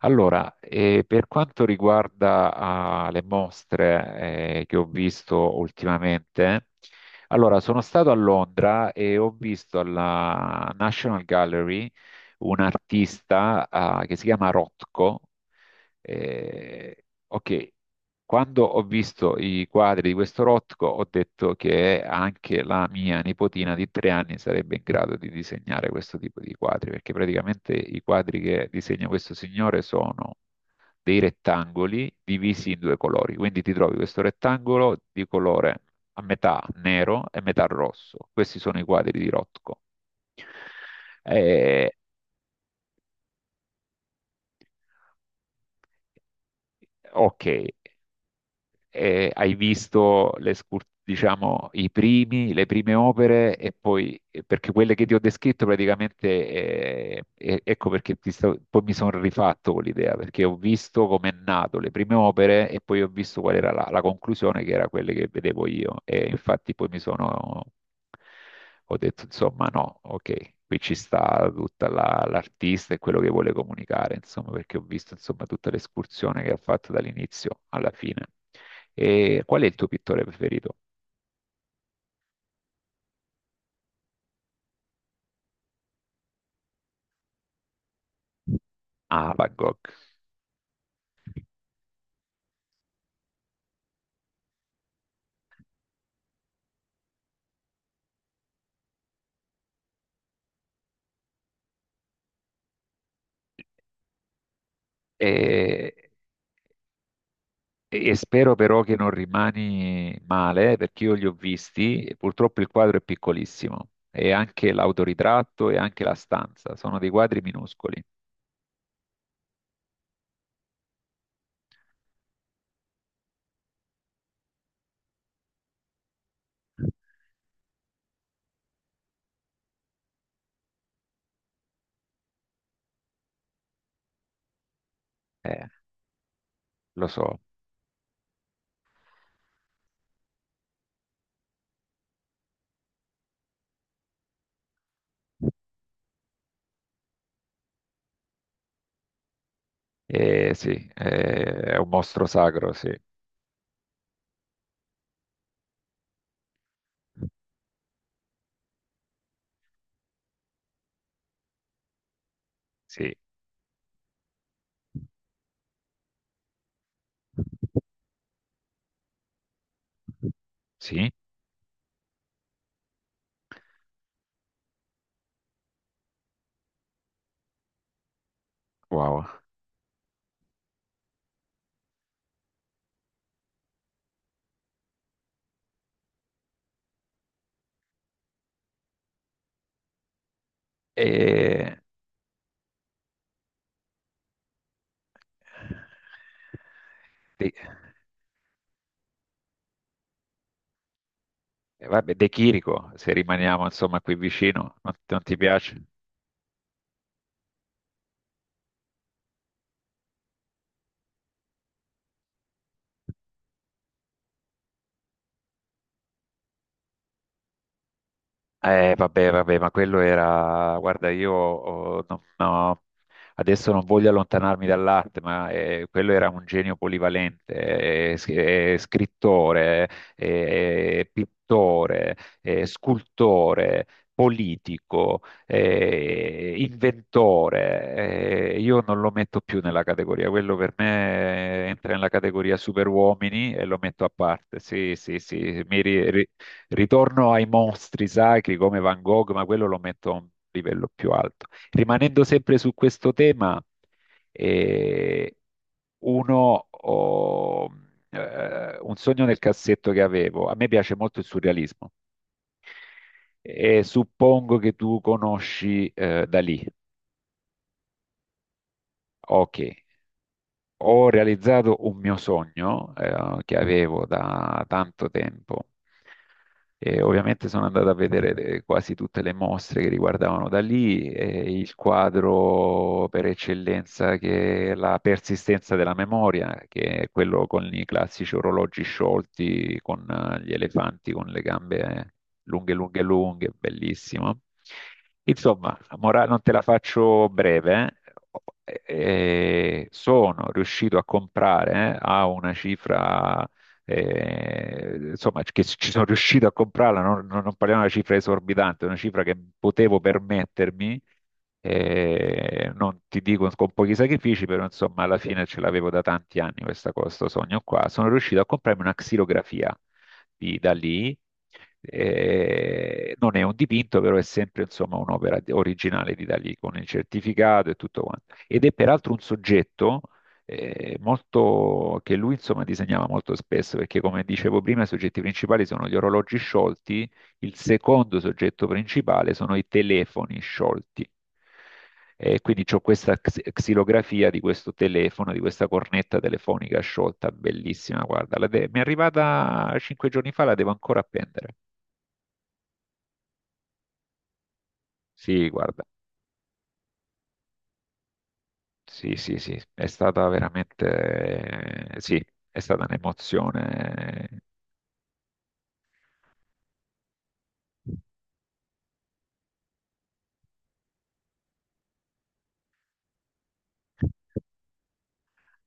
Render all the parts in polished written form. Allora, per quanto riguarda, le mostre, che ho visto ultimamente, allora sono stato a Londra e ho visto alla National Gallery un artista, che si chiama Rothko. Ok, quando ho visto i quadri di questo Rothko, ho detto che anche la mia nipotina di 3 anni sarebbe in grado di disegnare questo tipo di quadri, perché praticamente i quadri che disegna questo signore sono dei rettangoli divisi in due colori. Quindi ti trovi questo rettangolo di colore a metà nero e metà rosso. Questi sono i quadri di Rothko. Eh, ok, hai visto diciamo, le prime opere e poi, perché quelle che ti ho descritto praticamente, ecco perché poi mi sono rifatto con l'idea, perché ho visto com'è nato le prime opere e poi ho visto qual era la conclusione, che era quelle che vedevo io. E infatti poi mi sono, ho detto, insomma, no, ok. Qui ci sta l'artista e quello che vuole comunicare, insomma, perché ho visto, insomma, tutta l'escursione che ha fatto dall'inizio alla fine. E qual è il tuo pittore preferito? Ah, Van Gogh. E, e spero però che non rimani male, perché io li ho visti e purtroppo il quadro è piccolissimo. E anche l'autoritratto e anche la stanza sono dei quadri minuscoli. Eh, lo so. Sì, è un mostro sacro, sì. Sì, sì, wow. E, De, vabbè, De Chirico, se rimaniamo insomma qui vicino, non ti piace? Vabbè, vabbè, ma quello era, guarda, io oh, no, adesso non voglio allontanarmi dall'arte, ma quello era un genio polivalente, scrittore, pittore, scultore, politico, inventore. Io non lo metto più nella categoria, quello per me entra nella categoria superuomini e lo metto a parte. Sì, sì, sì, Ritorno ai mostri sacri come Van Gogh, ma quello lo metto a un livello più alto. Rimanendo sempre su questo tema, eh, uno, oh, un sogno nel cassetto che avevo, a me piace molto il surrealismo e suppongo che tu conosci Dalì. Ok, ho realizzato un mio sogno, che avevo da tanto tempo. E ovviamente sono andato a vedere quasi tutte le mostre che riguardavano da lì, e il quadro per eccellenza che è la persistenza della memoria, che è quello con i classici orologi sciolti, con gli elefanti con le gambe lunghe, lunghe, lunghe, bellissimo. Insomma, non te la faccio breve, eh. Sono riuscito a comprare a una cifra, insomma, che ci sono riuscito a comprarla, non parliamo di una cifra esorbitante, una cifra che potevo permettermi, non ti dico con pochi sacrifici, però insomma alla fine ce l'avevo da tanti anni questa, questo sogno qua, sono riuscito a comprarmi una xilografia di Dalì. Non è un dipinto, però è sempre insomma originale di Dalì con il certificato e tutto quanto. Ed è peraltro un soggetto che lui insomma disegnava molto spesso, perché come dicevo prima, i soggetti principali sono gli orologi sciolti, il secondo soggetto principale sono i telefoni sciolti. E quindi ho questa xilografia di questo telefono, di questa cornetta telefonica sciolta, bellissima, guarda, mi è arrivata 5 giorni fa, la devo ancora appendere. Sì, guarda, sì, sì, sì, è stata veramente, sì, è stata un'emozione.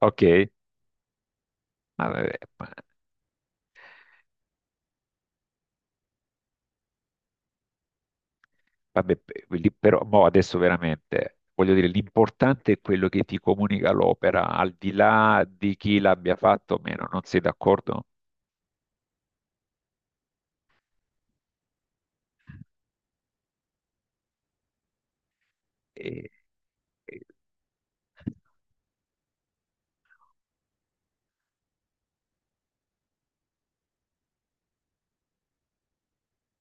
Ok, ma- eh, Vabbè, lì però mo adesso veramente voglio dire, l'importante è quello che ti comunica l'opera, al di là di chi l'abbia fatto o meno, non sei d'accordo? E- e-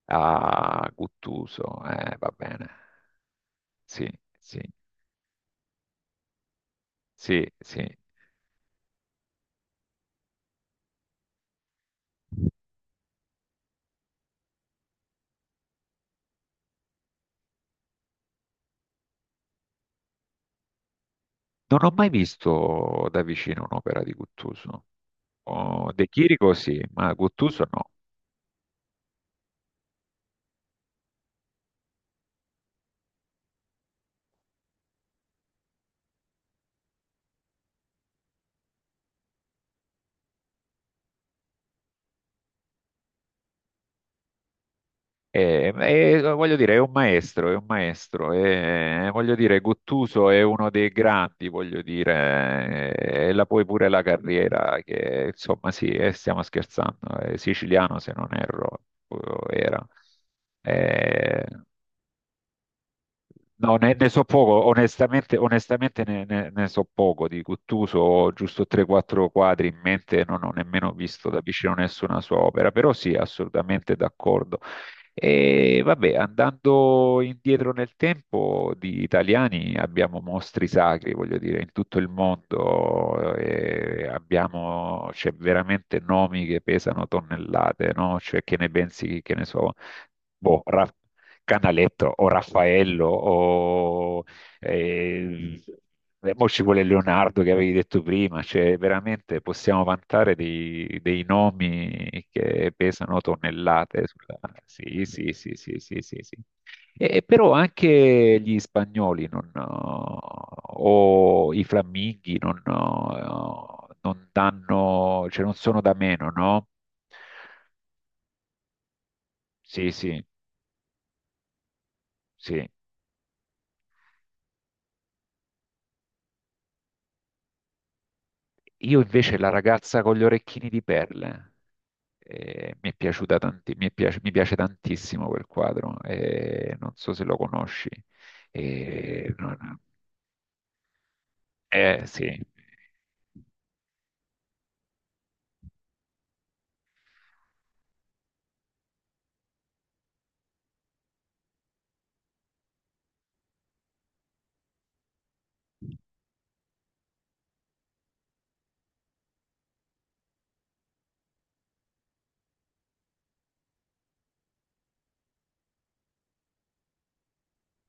Ah, Guttuso, va bene. Sì, sì, sì, sì. Non ho mai visto da vicino un'opera di Guttuso. Oh, De Chirico sì, ma Guttuso no. E, voglio dire, è un maestro, e, voglio dire, Guttuso è uno dei grandi, voglio dire, e la poi pure la carriera, che insomma sì, stiamo scherzando, è siciliano se non erro, era. Eh, No, ne so poco, onestamente, onestamente ne so poco di Guttuso, ho giusto 3-4 quadri in mente, non ho nemmeno visto da vicino nessuna sua opera, però sì, assolutamente d'accordo. E vabbè, andando indietro nel tempo, di italiani abbiamo mostri sacri, voglio dire, in tutto il mondo, abbiamo, c'è veramente nomi che pesano tonnellate, no? Cioè, che ne pensi, che ne so, boh, Canaletto o Raffaello o eh, e poi ci vuole Leonardo che avevi detto prima, cioè veramente possiamo vantare dei, dei nomi che pesano tonnellate sulla... Sì, sì, sì, sì, sì, sì, sì. E, però anche gli spagnoli non, o i fiamminghi non danno, cioè non sono da meno, no? Sì, sì, sì. Io invece la ragazza con gli orecchini di perle, mi è piaciuta tanti- mi è piace, mi piace tantissimo quel quadro, non so se lo conosci. No, no. Sì.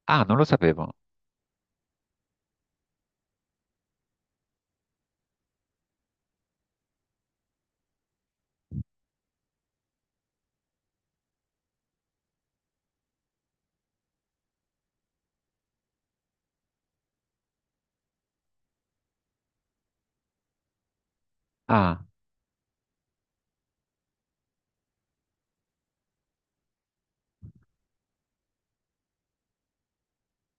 Ah, non lo sapevo. Ah,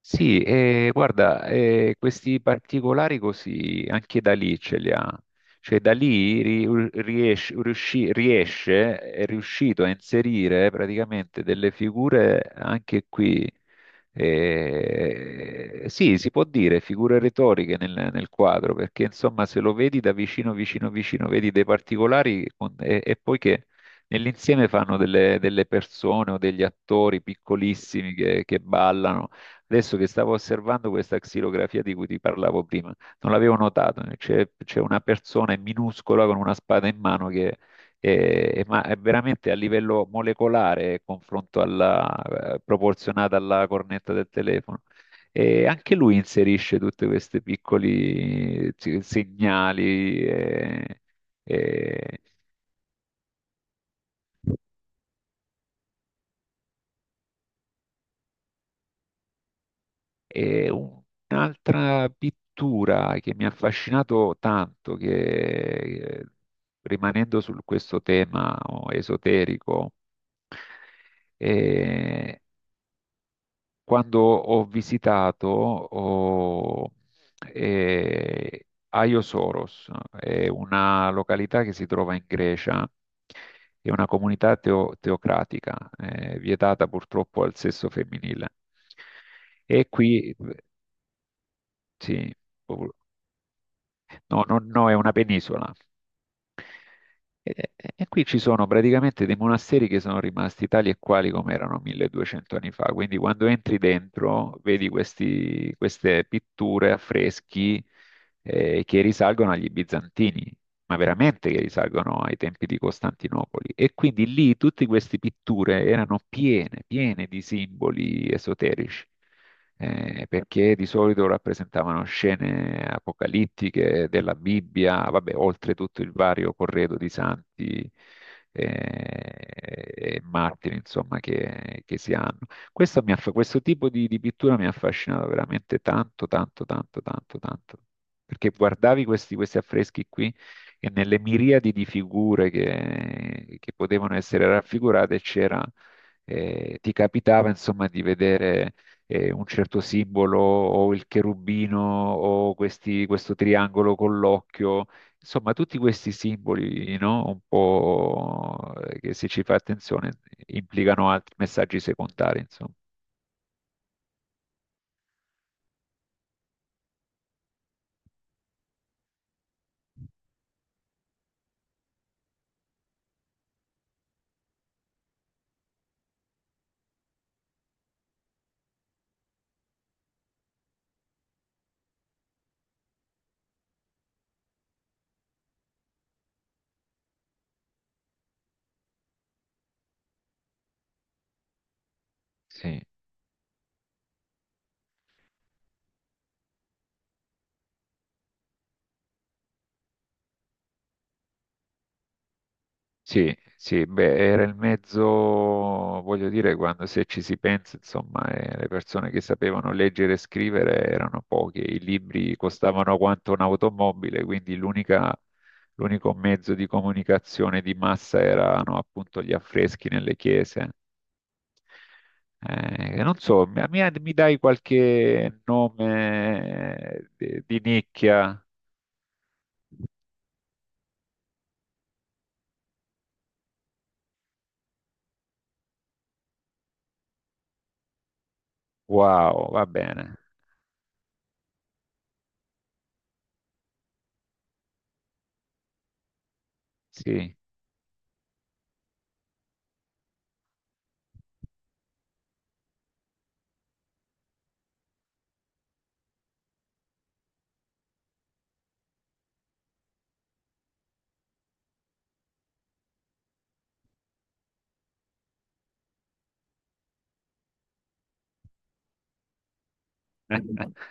Sì, guarda, questi particolari così anche da lì ce li ha. Cioè da lì è riuscito a inserire praticamente delle figure anche qui, sì, si può dire figure retoriche nel quadro, perché insomma se lo vedi da vicino, vicino, vicino, vedi dei particolari e poi che nell'insieme fanno delle persone o degli attori piccolissimi che ballano. Adesso che stavo osservando questa xilografia di cui ti parlavo prima, non l'avevo notato, c'è una persona minuscola con una spada in mano che ma è veramente a livello molecolare confronto alla, proporzionata alla cornetta del telefono. E anche lui inserisce tutti questi piccoli segnali. Eh, E un'altra pittura che mi ha affascinato tanto, che eh, rimanendo su questo tema oh, esoterico, eh, quando ho visitato Aio Soros, è una località che si trova in Grecia, è una comunità teocratica, vietata purtroppo al sesso femminile. E qui, sì, No, non, no, è una penisola. E qui ci sono praticamente dei monasteri che sono rimasti tali e quali come erano 1200 anni fa. Quindi quando entri dentro vedi queste pitture, affreschi che risalgono agli bizantini, ma veramente che risalgono ai tempi di Costantinopoli. E quindi lì tutte queste pitture erano piene, piene di simboli esoterici perché di solito rappresentavano scene apocalittiche della Bibbia, vabbè, oltre tutto il vario corredo di santi eh, e martiri, insomma, che si hanno. Questo, questo tipo di pittura mi ha affascinato veramente tanto, tanto, tanto, tanto, tanto, perché guardavi questi, questi affreschi qui e nelle miriadi di figure che potevano essere raffigurate c'era, ti capitava, insomma, di vedere un certo simbolo o il cherubino o questo triangolo con l'occhio, insomma tutti questi simboli, no? Un po' che se ci fai attenzione implicano altri messaggi secondari, insomma. Sì. Sì, sì, beh, era il mezzo, voglio dire, quando se ci si pensa, insomma, le persone che sapevano leggere e scrivere erano poche, i libri costavano quanto un'automobile, quindi l'unico mezzo di comunicazione di massa erano appunto gli affreschi nelle chiese. Non so, mi dai qualche nome di nicchia? Wow, va bene, sì.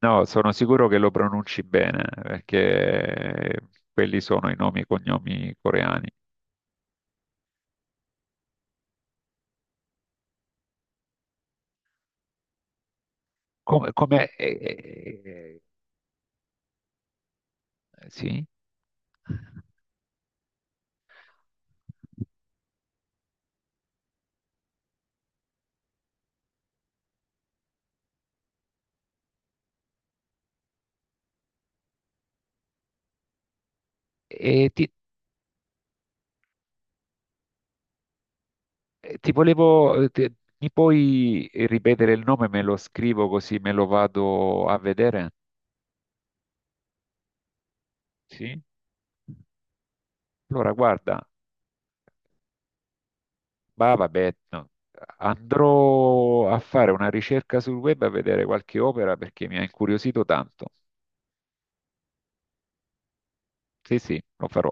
No, sono sicuro che lo pronunci bene, perché quelli sono i nomi e cognomi coreani. Come, come- eh, eh, sì? E ti, ti volevo, mi puoi ripetere il nome? Me lo scrivo così me lo vado a vedere? Sì? Allora, guarda, bah, vabbè, no. Andrò a fare una ricerca sul web a vedere qualche opera perché mi ha incuriosito tanto. Sì, sì, lo farò.